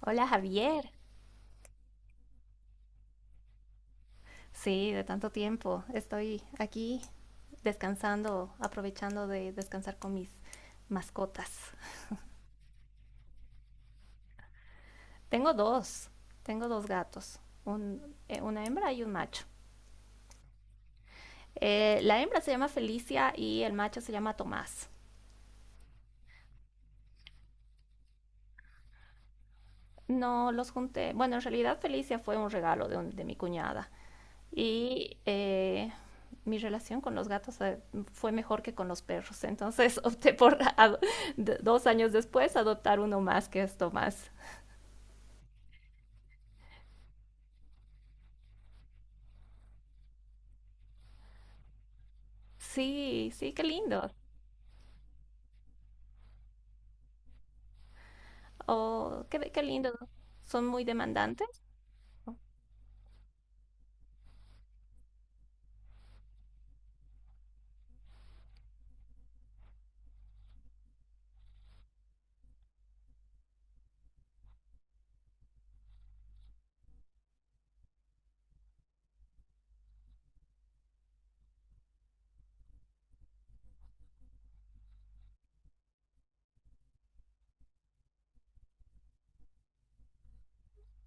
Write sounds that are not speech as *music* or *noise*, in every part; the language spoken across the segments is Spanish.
Hola Javier. Sí, de tanto tiempo. Estoy aquí descansando, aprovechando de descansar con mis mascotas. Tengo dos, tengo dos gatos, una hembra y un macho. La hembra se llama Felicia y el macho se llama Tomás. No los junté. Bueno, en realidad Felicia fue un regalo de mi cuñada y mi relación con los gatos fue mejor que con los perros. Entonces *laughs* opté por, 2 años después, adoptar uno más que esto más. Sí, sí, qué lindo. Oh, qué lindo. Son muy demandantes.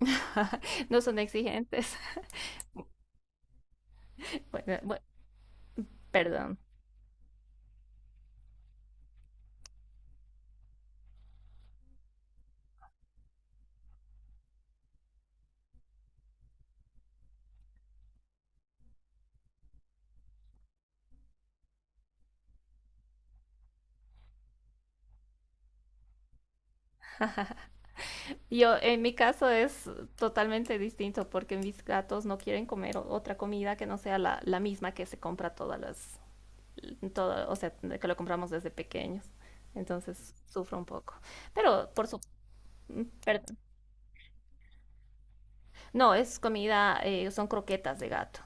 *laughs* No son exigentes. *laughs* Bueno, perdón. Yo, en mi caso es totalmente distinto porque mis gatos no quieren comer otra comida que no sea la misma que se compra todo, o sea, de que lo compramos desde pequeños. Entonces sufro un poco. Pero por su... Perdón. No, es comida, son croquetas de gato.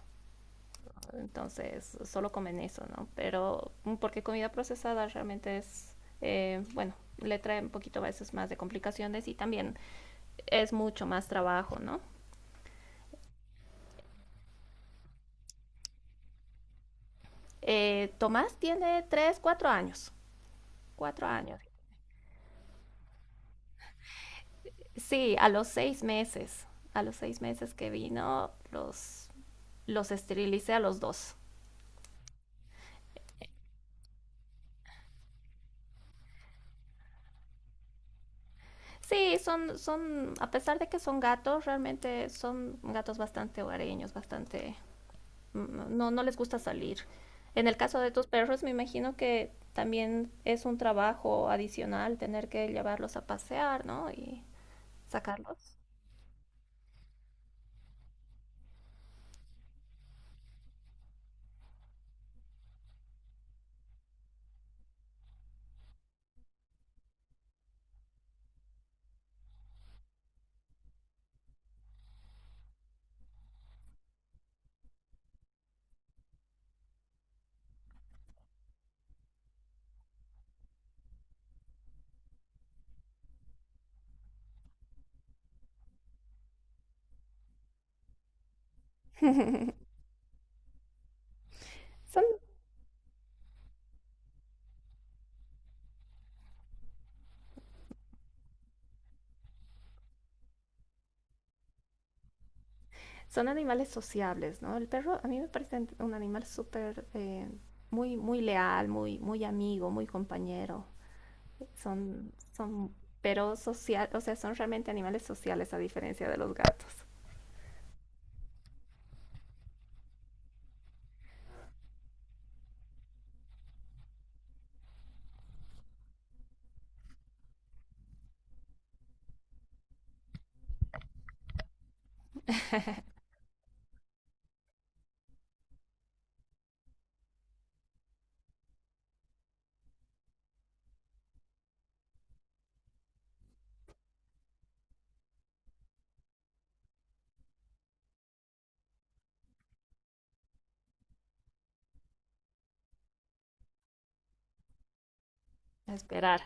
Entonces solo comen eso, ¿no? Pero porque comida procesada realmente es, bueno, le trae un poquito a veces más de complicaciones y también es mucho más trabajo, ¿no? Tomás tiene 3, 4 años. Sí, a los 6 meses. A los 6 meses que vino, los esterilicé a los dos. Sí, son, a pesar de que son gatos, realmente son gatos bastante hogareños, bastante, no, no les gusta salir. En el caso de tus perros, me imagino que también es un trabajo adicional tener que llevarlos a pasear, ¿no? Y sacarlos. Son, son animales sociables, ¿no? El perro a mí me parece un animal súper, muy, muy leal, muy, muy amigo, muy compañero. Son, son, pero social, o sea, son realmente animales sociales a diferencia de los gatos. A esperar.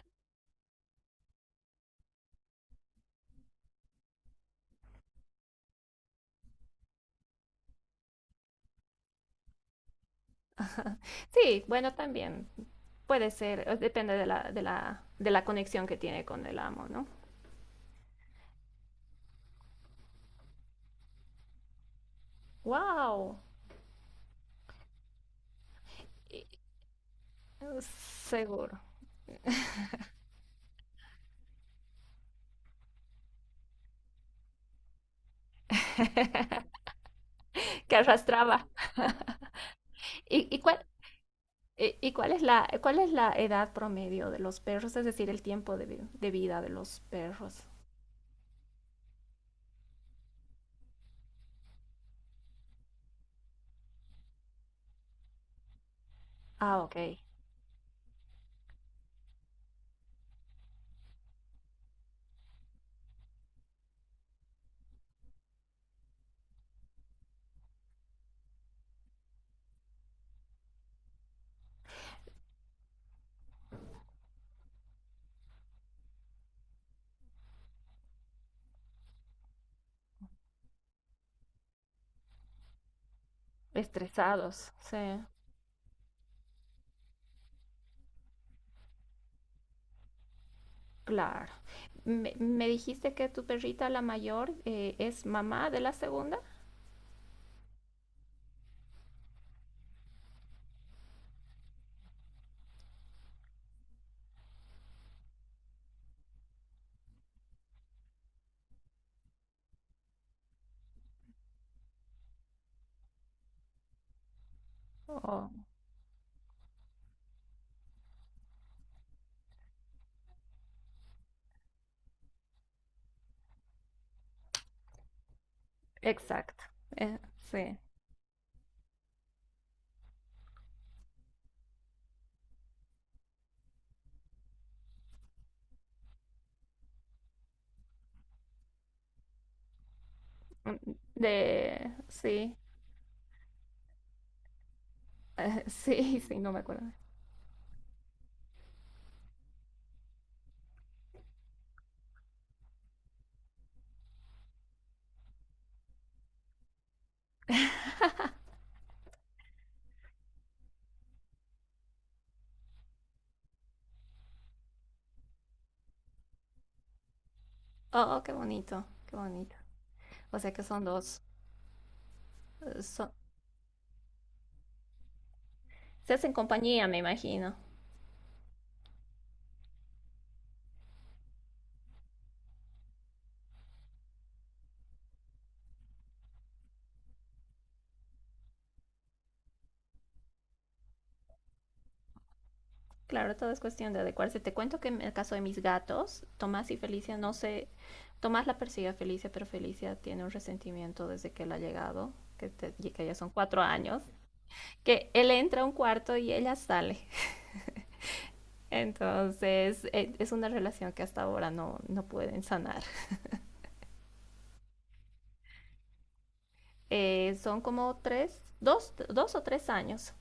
Sí, bueno, también puede ser, depende de la conexión que tiene con el amo, ¿no? ¡Wow! Seguro. Que arrastraba. ¿Y cuál es la edad promedio de los perros? Es decir, el tiempo de vida de los perros. Ah, ok. Estresados, sí. Claro. Me dijiste que tu perrita, la mayor, es mamá de la segunda. Oh, exacto. Sí. Mm, Sí. *laughs* Sí, sí, no me acuerdo. Oh, qué bonito, qué bonito. O sea que son dos, eh, son- se hacen compañía, me imagino. Claro, todo es cuestión de adecuarse. Te cuento que en el caso de mis gatos, Tomás y Felicia, no sé, Tomás la persigue a Felicia, pero Felicia tiene un resentimiento desde que él ha llegado, que ya son 4 años. Que él entra a un cuarto y ella sale. Entonces es una relación que hasta ahora no pueden sanar. Son como 3, 2, 2 o 3 años.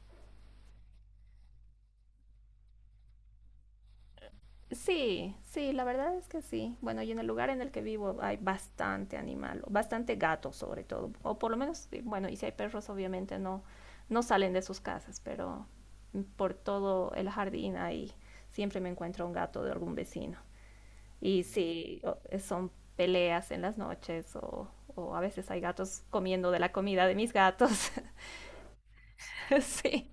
Sí, sí, la verdad es que sí. Bueno, y en el lugar en el que vivo hay bastante animal, bastante gato sobre todo, o por lo menos, sí, bueno, y si hay perros obviamente no salen de sus casas, pero por todo el jardín ahí siempre me encuentro un gato de algún vecino. Y si son peleas en las noches, o a veces hay gatos comiendo de la comida de mis gatos. *laughs* Sí,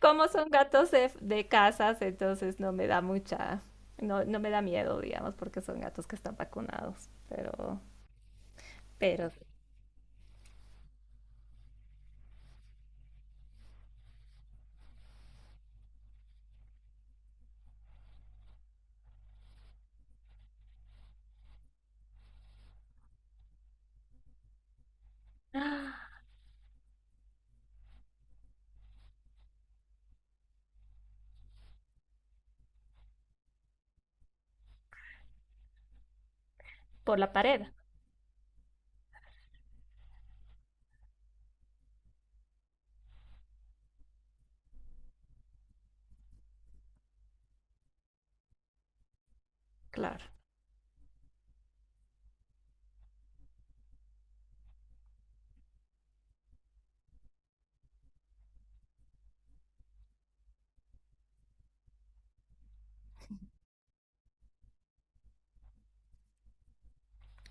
como son gatos de casas, entonces no me da mucha, no me da miedo, digamos, porque son gatos que están vacunados. Pero, sí. ¡Ah! Por la pared, claro.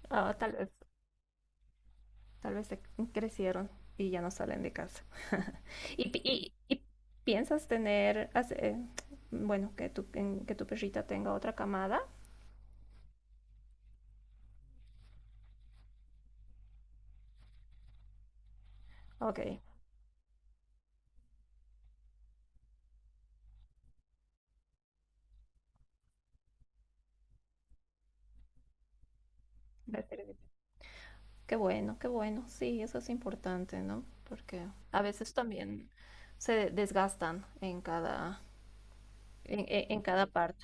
Ah, tal vez se crecieron y ya no salen de casa. *laughs* ¿Y piensas tener, bueno, que tu, que tu perrita tenga otra camada? Ok, perfecto. Qué bueno, qué bueno. Sí, eso es importante, ¿no? Porque a veces también se desgastan en cada, en cada parte.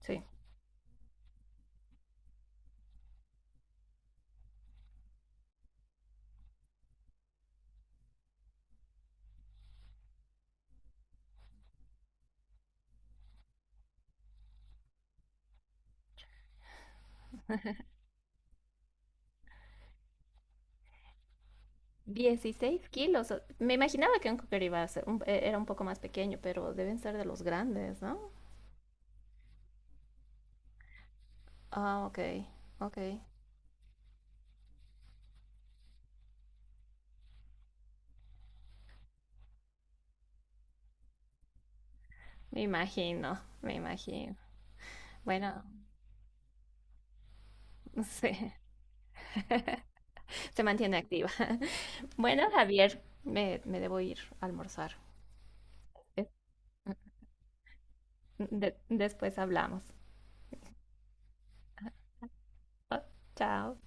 Sí. 16 kilos. Me imaginaba que un cocker iba a ser era un poco más pequeño, pero deben ser de los grandes, ¿no? Ah, ok, ok. Me imagino, me imagino. Bueno, *laughs* sí, se mantiene activa. *laughs* Bueno, Javier, me debo ir a almorzar. Es- después hablamos. Oh, chao.